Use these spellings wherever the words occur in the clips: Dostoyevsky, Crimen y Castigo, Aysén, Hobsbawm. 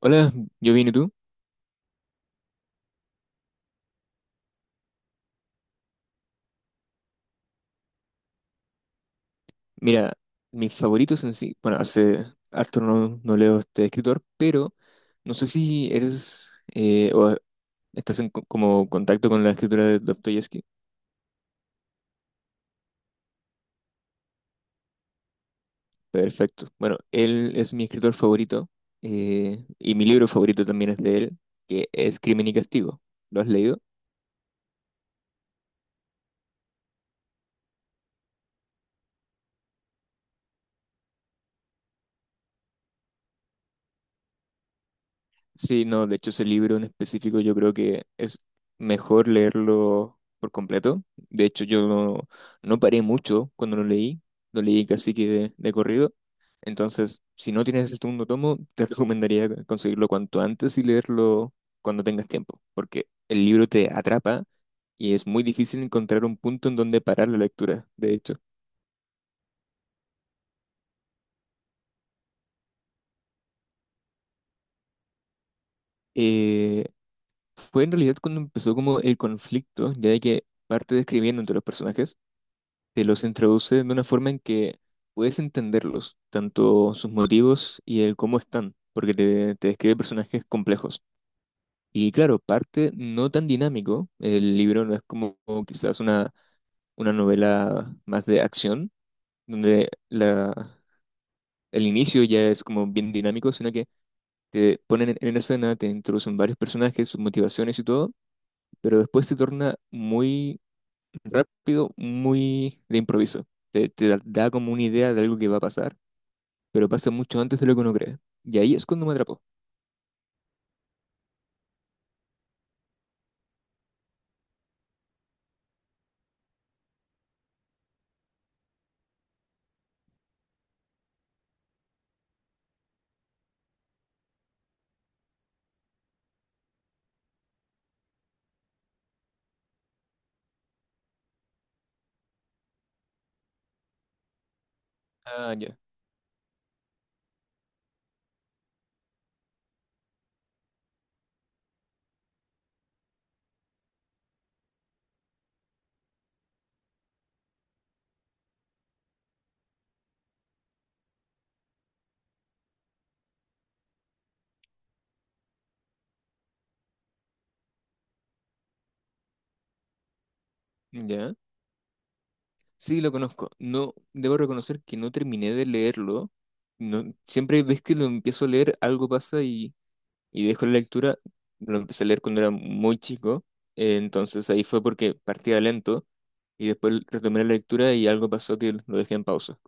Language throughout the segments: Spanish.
Hola, yo vine tú. Mira, mis favoritos en sí, bueno, hace harto no, no leo este escritor, pero no sé si eres o estás como contacto con la escritura de Dostoyevsky. Perfecto. Bueno, él es mi escritor favorito y mi libro favorito también es de él, que es Crimen y Castigo. ¿Lo has leído? Sí, no, de hecho ese libro en específico yo creo que es mejor leerlo por completo. De hecho yo no, no paré mucho cuando lo leí casi que de corrido. Entonces, si no tienes el segundo tomo, te recomendaría conseguirlo cuanto antes y leerlo cuando tengas tiempo, porque el libro te atrapa y es muy difícil encontrar un punto en donde parar la lectura, de hecho. Eh, fue en realidad cuando empezó como el conflicto, ya de que parte describiendo entre los personajes. Te los introduce de una forma en que puedes entenderlos, tanto sus motivos y el cómo están, porque te describe personajes complejos. Y claro, parte no tan dinámico, el libro no es como quizás una novela más de acción, donde el inicio ya es como bien dinámico, sino que te ponen en escena, te introducen varios personajes, sus motivaciones y todo, pero después se torna muy rápido, muy de improviso. Te da como una idea de algo que va a pasar pero pasa mucho antes de lo que uno cree. Y ahí es cuando me atrapó. Ah, ya, ya. Sí, lo conozco. No, debo reconocer que no terminé de leerlo. No, siempre ves que lo empiezo a leer, algo pasa y dejo la lectura. Lo empecé a leer cuando era muy chico. Entonces ahí fue porque partía lento y después retomé la lectura y algo pasó que lo dejé en pausa.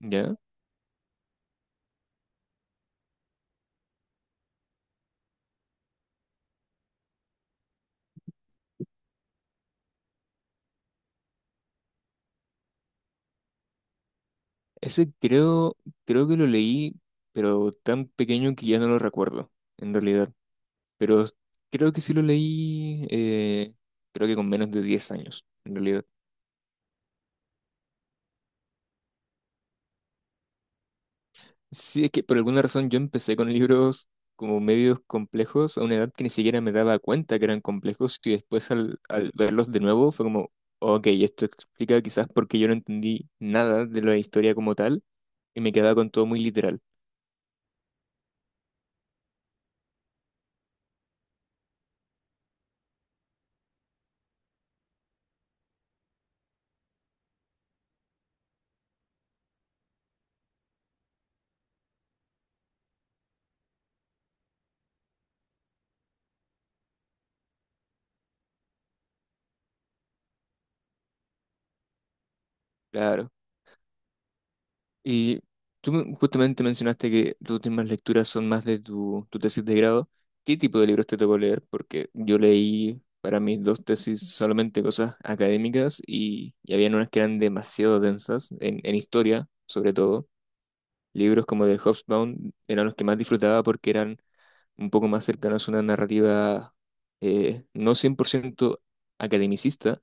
¿Ya? Ese creo que lo leí, pero tan pequeño que ya no lo recuerdo, en realidad. Pero creo que sí lo leí, creo que con menos de 10 años, en realidad. Sí, es que por alguna razón yo empecé con libros como medios complejos a una edad que ni siquiera me daba cuenta que eran complejos y después al verlos de nuevo fue como, ok, esto explica quizás por qué yo no entendí nada de la historia como tal y me quedaba con todo muy literal, claro. Y justamente mencionaste que tus últimas lecturas son más de tu tesis de grado. ¿Qué tipo de libros te tocó leer? Porque yo leí para mis dos tesis solamente cosas académicas y habían unas que eran demasiado densas, en historia sobre todo. Libros como de Hobsbawm eran los que más disfrutaba porque eran un poco más cercanos a una narrativa no 100% academicista,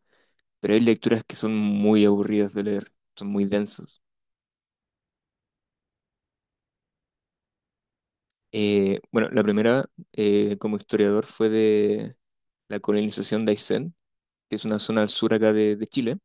pero hay lecturas que son muy aburridas de leer, son muy densas. Bueno, la primera como historiador fue de la colonización de Aysén, que es una zona al sur acá de Chile,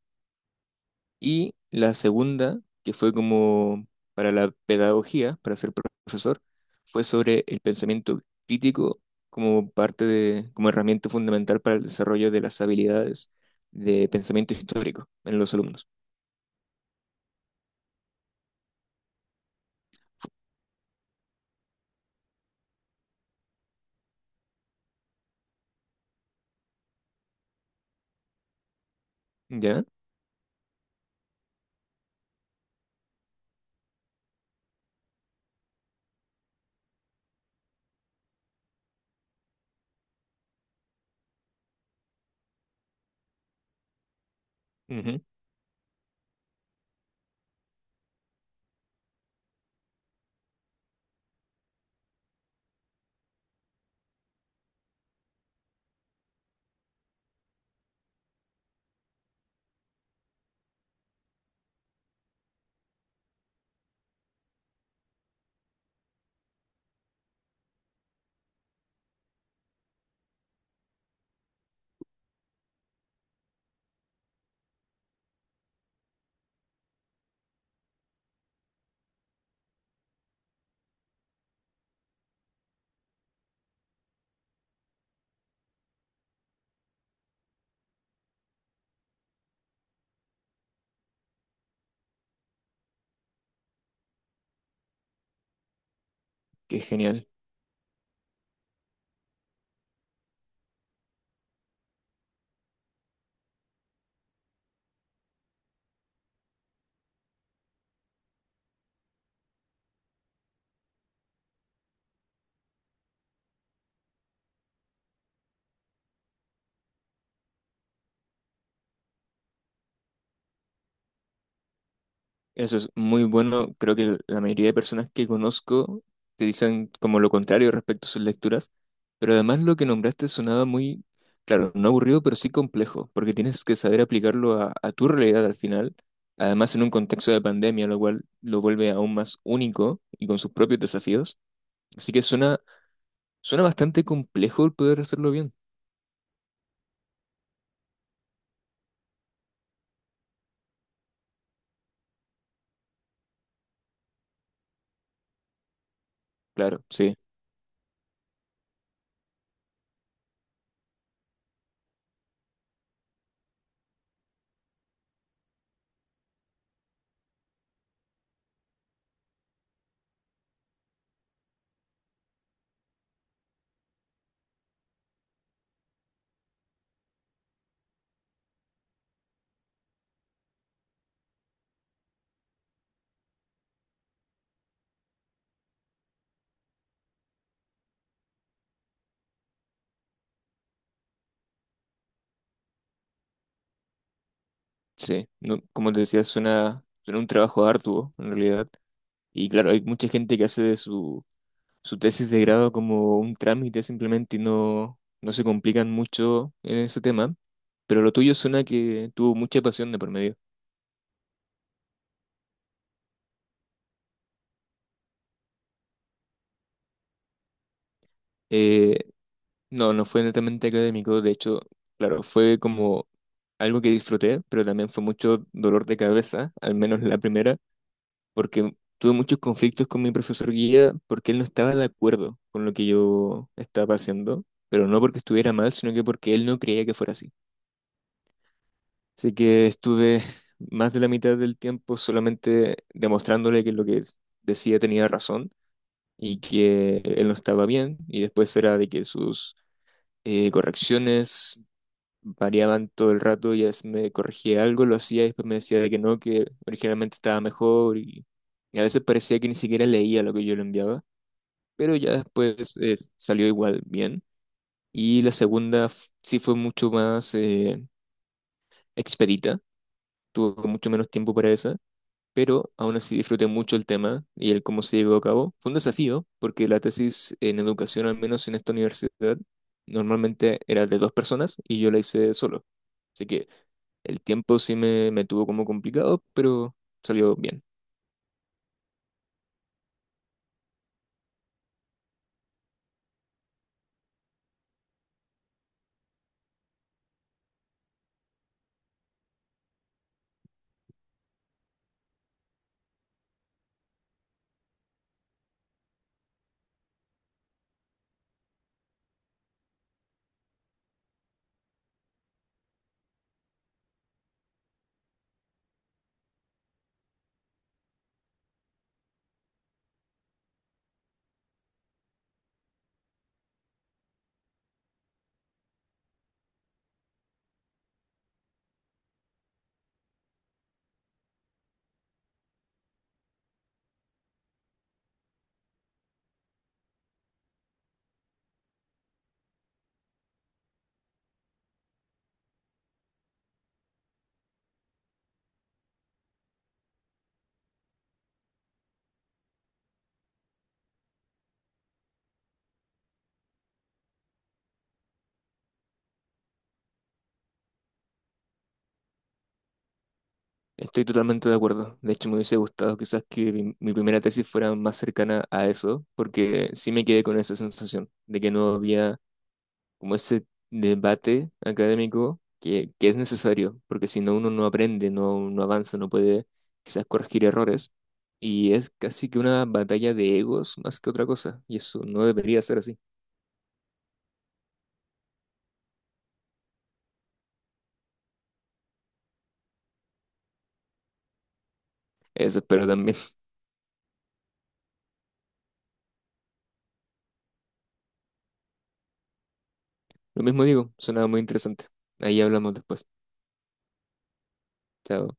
y la segunda, que fue como para la pedagogía, para ser profesor, fue sobre el pensamiento crítico como parte de, como herramienta fundamental para el desarrollo de las habilidades de pensamiento histórico en los alumnos. ¿Ya? Ujú, qué genial. Eso es muy bueno. Creo que la mayoría de personas que conozco te dicen como lo contrario respecto a sus lecturas, pero además lo que nombraste sonaba muy, claro, no aburrido, pero sí complejo, porque tienes que saber aplicarlo a tu realidad al final, además en un contexto de pandemia, lo cual lo vuelve aún más único y con sus propios desafíos. Así que suena, suena bastante complejo el poder hacerlo bien. Claro, sí, sí. No, como te decía, suena, suena un trabajo arduo en realidad. Y claro, hay mucha gente que hace de su tesis de grado como un trámite simplemente y no, no se complican mucho en ese tema, pero lo tuyo suena que tuvo mucha pasión de por medio. Eh, no, no fue netamente académico, de hecho, claro, fue como algo que disfruté, pero también fue mucho dolor de cabeza, al menos la primera, porque tuve muchos conflictos con mi profesor guía porque él no estaba de acuerdo con lo que yo estaba haciendo, pero no porque estuviera mal, sino que porque él no creía que fuera así. Así que estuve más de la mitad del tiempo solamente demostrándole que lo que decía tenía razón y que él no estaba bien. Y después era de que sus correcciones variaban todo el rato y a veces me corregía algo, lo hacía y después me decía de que no, que originalmente estaba mejor. Y a veces parecía que ni siquiera leía lo que yo le enviaba, pero ya después salió igual bien. Y la segunda sí fue mucho más expedita, tuvo mucho menos tiempo para esa pero aún así disfruté mucho el tema y el cómo se llevó a cabo. Fue un desafío, porque la tesis en educación, al menos en esta universidad, normalmente era de dos personas y yo la hice solo. Así que el tiempo sí me tuvo como complicado, pero salió bien. Estoy totalmente de acuerdo. De hecho, me hubiese gustado quizás que mi primera tesis fuera más cercana a eso, porque sí me quedé con esa sensación de que no había como ese debate académico que es necesario, porque si no uno no aprende, no, no avanza, no puede quizás corregir errores. Y es casi que una batalla de egos más que otra cosa, y eso no debería ser así. Eso espero también. Lo mismo digo, sonaba muy interesante. Ahí hablamos después. Chao.